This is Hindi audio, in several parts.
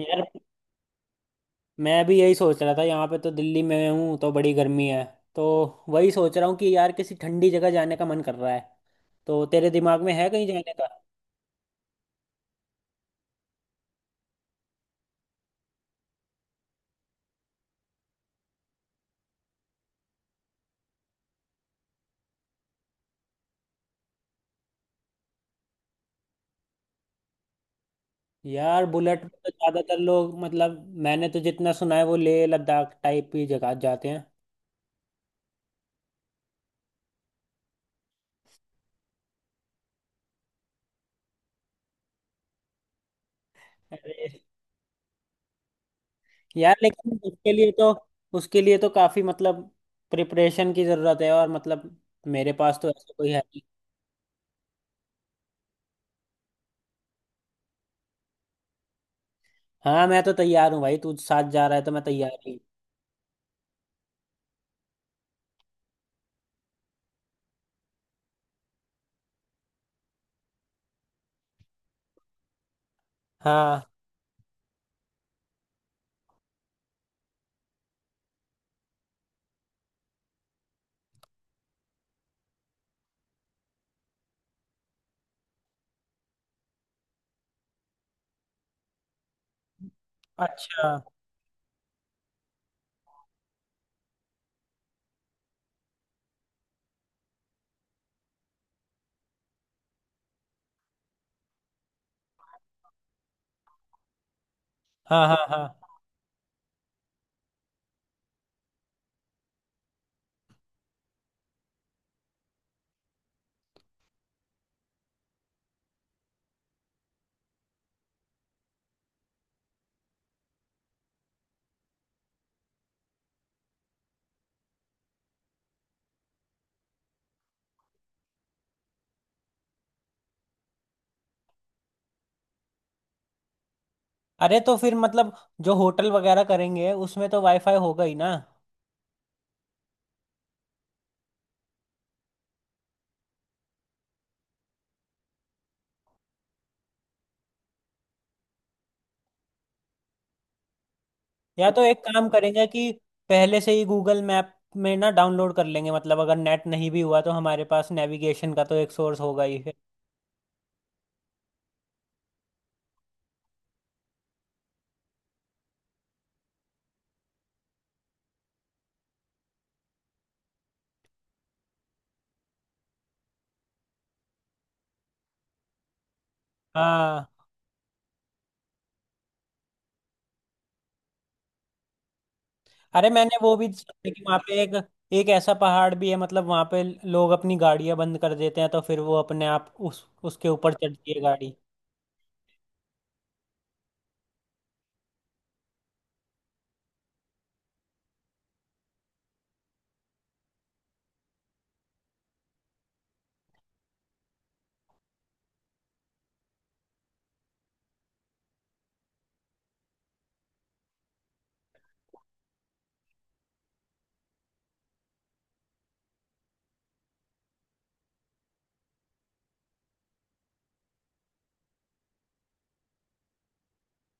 यार मैं भी यही सोच रहा था। यहाँ पे तो दिल्ली में हूँ तो बड़ी गर्मी है। तो वही सोच रहा हूँ कि यार किसी ठंडी जगह जाने का मन कर रहा है। तो तेरे दिमाग में है कहीं जाने का? यार बुलेट में तो ज़्यादातर लोग मैंने तो जितना सुना है वो लेह लद्दाख टाइप की जगह जाते हैं। अरे यार, लेकिन उसके लिए तो काफ़ी मतलब प्रिपरेशन की ज़रूरत है, और मतलब मेरे पास तो ऐसा कोई है नहीं। हाँ, मैं तो तैयार हूँ भाई, तू साथ जा रहा है तो मैं तैयार ही हूँ। हाँ। अच्छा। हाँ हाँ हाँ। अरे तो फिर मतलब जो होटल वगैरह करेंगे उसमें तो वाईफाई होगा ही ना। या तो एक काम करेंगे कि पहले से ही गूगल मैप में ना डाउनलोड कर लेंगे, मतलब अगर नेट नहीं भी हुआ तो हमारे पास नेविगेशन का तो एक सोर्स होगा ही फिर। हाँ। अरे मैंने वो भी सुना है कि वहाँ पे एक एक ऐसा पहाड़ भी है, मतलब वहाँ पे लोग अपनी गाड़ियाँ बंद कर देते हैं तो फिर वो अपने आप उस उसके ऊपर चढ़ती है गाड़ी।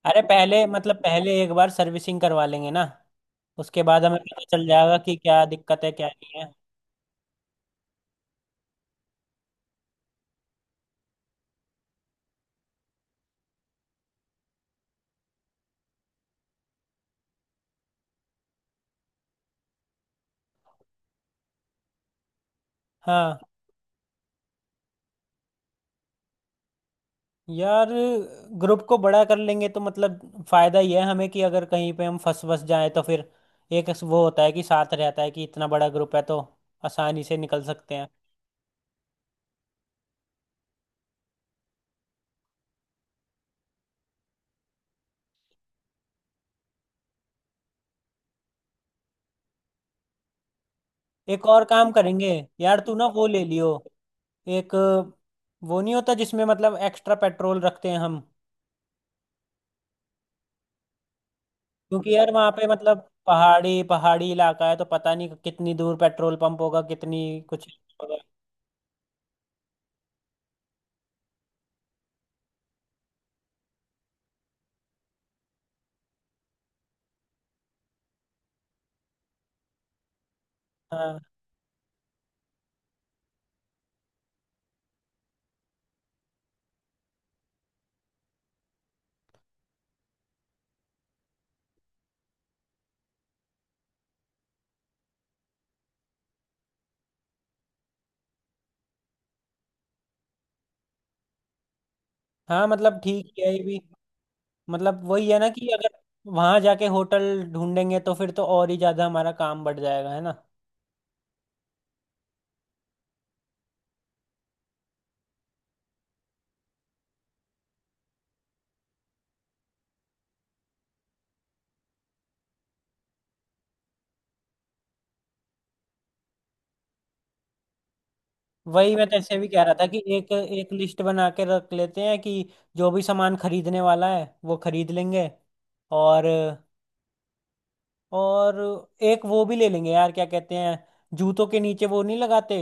अरे पहले, पहले एक बार सर्विसिंग करवा लेंगे ना। उसके बाद हमें पता चल जाएगा कि क्या दिक्कत है क्या नहीं है। हाँ। यार ग्रुप को बड़ा कर लेंगे तो मतलब फायदा ये है हमें कि अगर कहीं पे हम फंस फंस जाएं तो फिर एक वो होता है कि साथ रहता है कि इतना बड़ा ग्रुप है तो आसानी से निकल सकते हैं। एक और काम करेंगे, यार तू ना वो ले लियो। एक वो नहीं होता जिसमें मतलब एक्स्ट्रा पेट्रोल रखते हैं हम। क्योंकि यार वहाँ पे मतलब पहाड़ी पहाड़ी इलाका है तो पता नहीं कितनी दूर पेट्रोल पंप होगा, कितनी कुछ होगा। हाँ हाँ। मतलब ठीक है ये भी। मतलब वही है ना कि अगर वहां जाके होटल ढूंढेंगे तो फिर तो और ही ज्यादा हमारा काम बढ़ जाएगा, है ना। वही मैं तैसे भी कह रहा था कि एक एक लिस्ट बना के रख लेते हैं कि जो भी सामान खरीदने वाला है वो खरीद लेंगे। और और एक वो भी ले लेंगे यार, क्या कहते हैं, जूतों के नीचे वो नहीं लगाते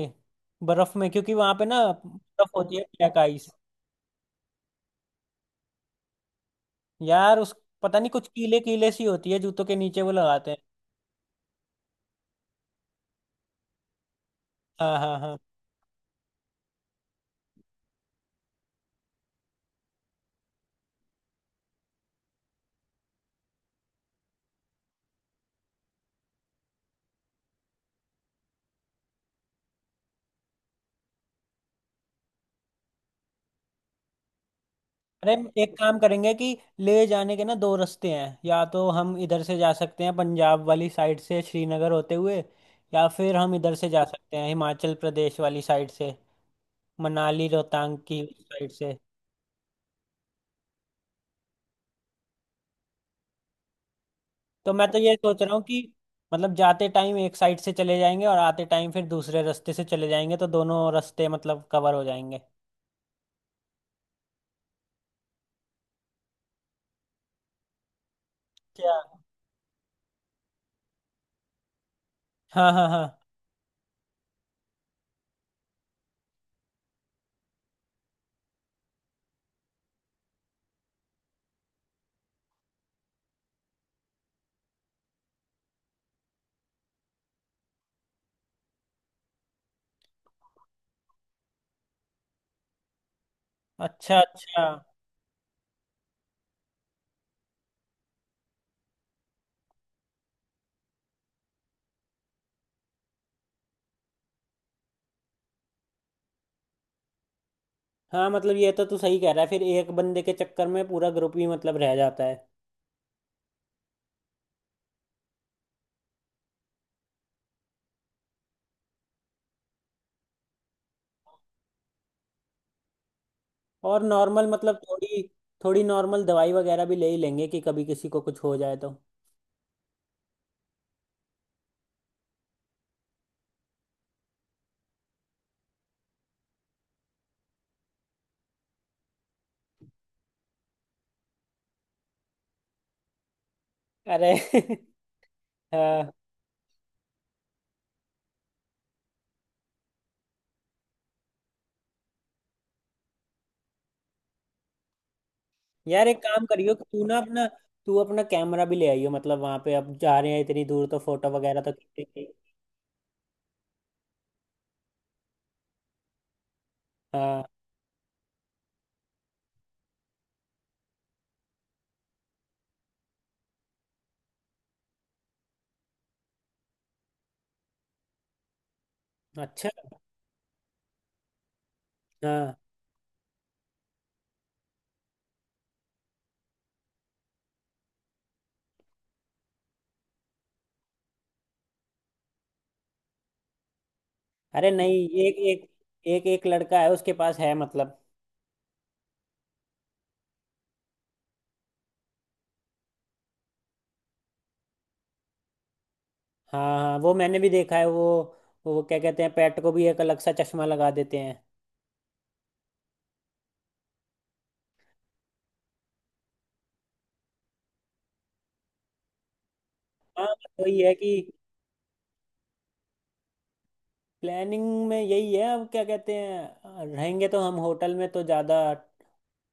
बर्फ में? क्योंकि वहां पे ना बर्फ होती है ब्लैक आइस। यार उस पता नहीं कुछ कीले कीले सी होती है, जूतों के नीचे वो लगाते हैं। हाँ हाँ हाँ। अरे एक काम करेंगे कि ले जाने के ना दो रास्ते हैं। या तो हम इधर से जा सकते हैं पंजाब वाली साइड से श्रीनगर होते हुए, या फिर हम इधर से जा सकते हैं हिमाचल प्रदेश वाली साइड से, मनाली रोहतांग की साइड से। तो मैं तो ये सोच रहा हूँ कि मतलब जाते टाइम एक साइड से चले जाएंगे और आते टाइम फिर दूसरे रास्ते से चले जाएंगे, तो दोनों रास्ते मतलब कवर हो जाएंगे। क्या? हाँ हाँ हाँ। अच्छा अच्छा। हाँ मतलब ये तो तू सही कह रहा है, फिर एक बंदे के चक्कर में पूरा ग्रुप ही मतलब रह जाता है। और नॉर्मल, मतलब थोड़ी थोड़ी नॉर्मल दवाई वगैरह भी ले ही लेंगे कि कभी किसी को कुछ हो जाए तो। अरे हाँ। यार एक काम करियो कि तू अपना कैमरा भी ले आइयो, मतलब वहां पे अब जा रहे हैं इतनी दूर तो फोटो वगैरह तो खींचेंगे। हाँ। अच्छा। हाँ। अरे नहीं, एक एक एक एक लड़का है उसके पास है, मतलब। हाँ हाँ, वो मैंने भी देखा है। वो क्या कहते हैं, पेट को भी एक अलग सा चश्मा लगा देते हैं। हाँ बस वही है कि प्लानिंग में यही है। अब क्या कहते हैं, रहेंगे तो हम होटल में तो ज़्यादा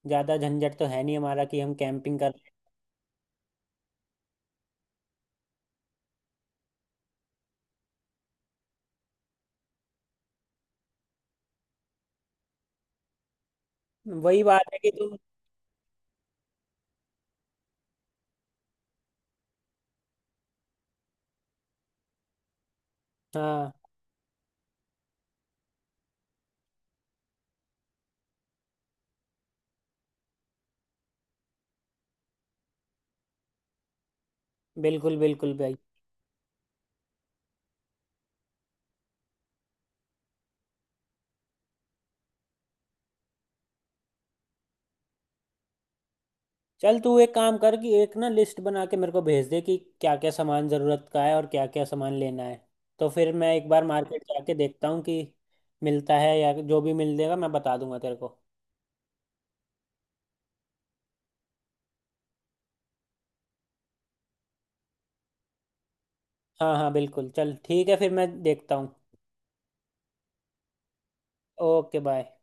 ज़्यादा झंझट तो है नहीं हमारा कि हम कैंपिंग कर रहे हैं। वही बात है कि तू। हाँ बिल्कुल बिल्कुल भाई। चल तू एक काम कर कि एक ना लिस्ट बना के मेरे को भेज दे कि क्या क्या सामान ज़रूरत का है और क्या क्या सामान लेना है। तो फिर मैं एक बार मार्केट जाके देखता हूँ कि मिलता है, या जो भी मिल देगा मैं बता दूंगा तेरे को। हाँ हाँ बिल्कुल, चल ठीक है फिर मैं देखता हूँ। Okay bye.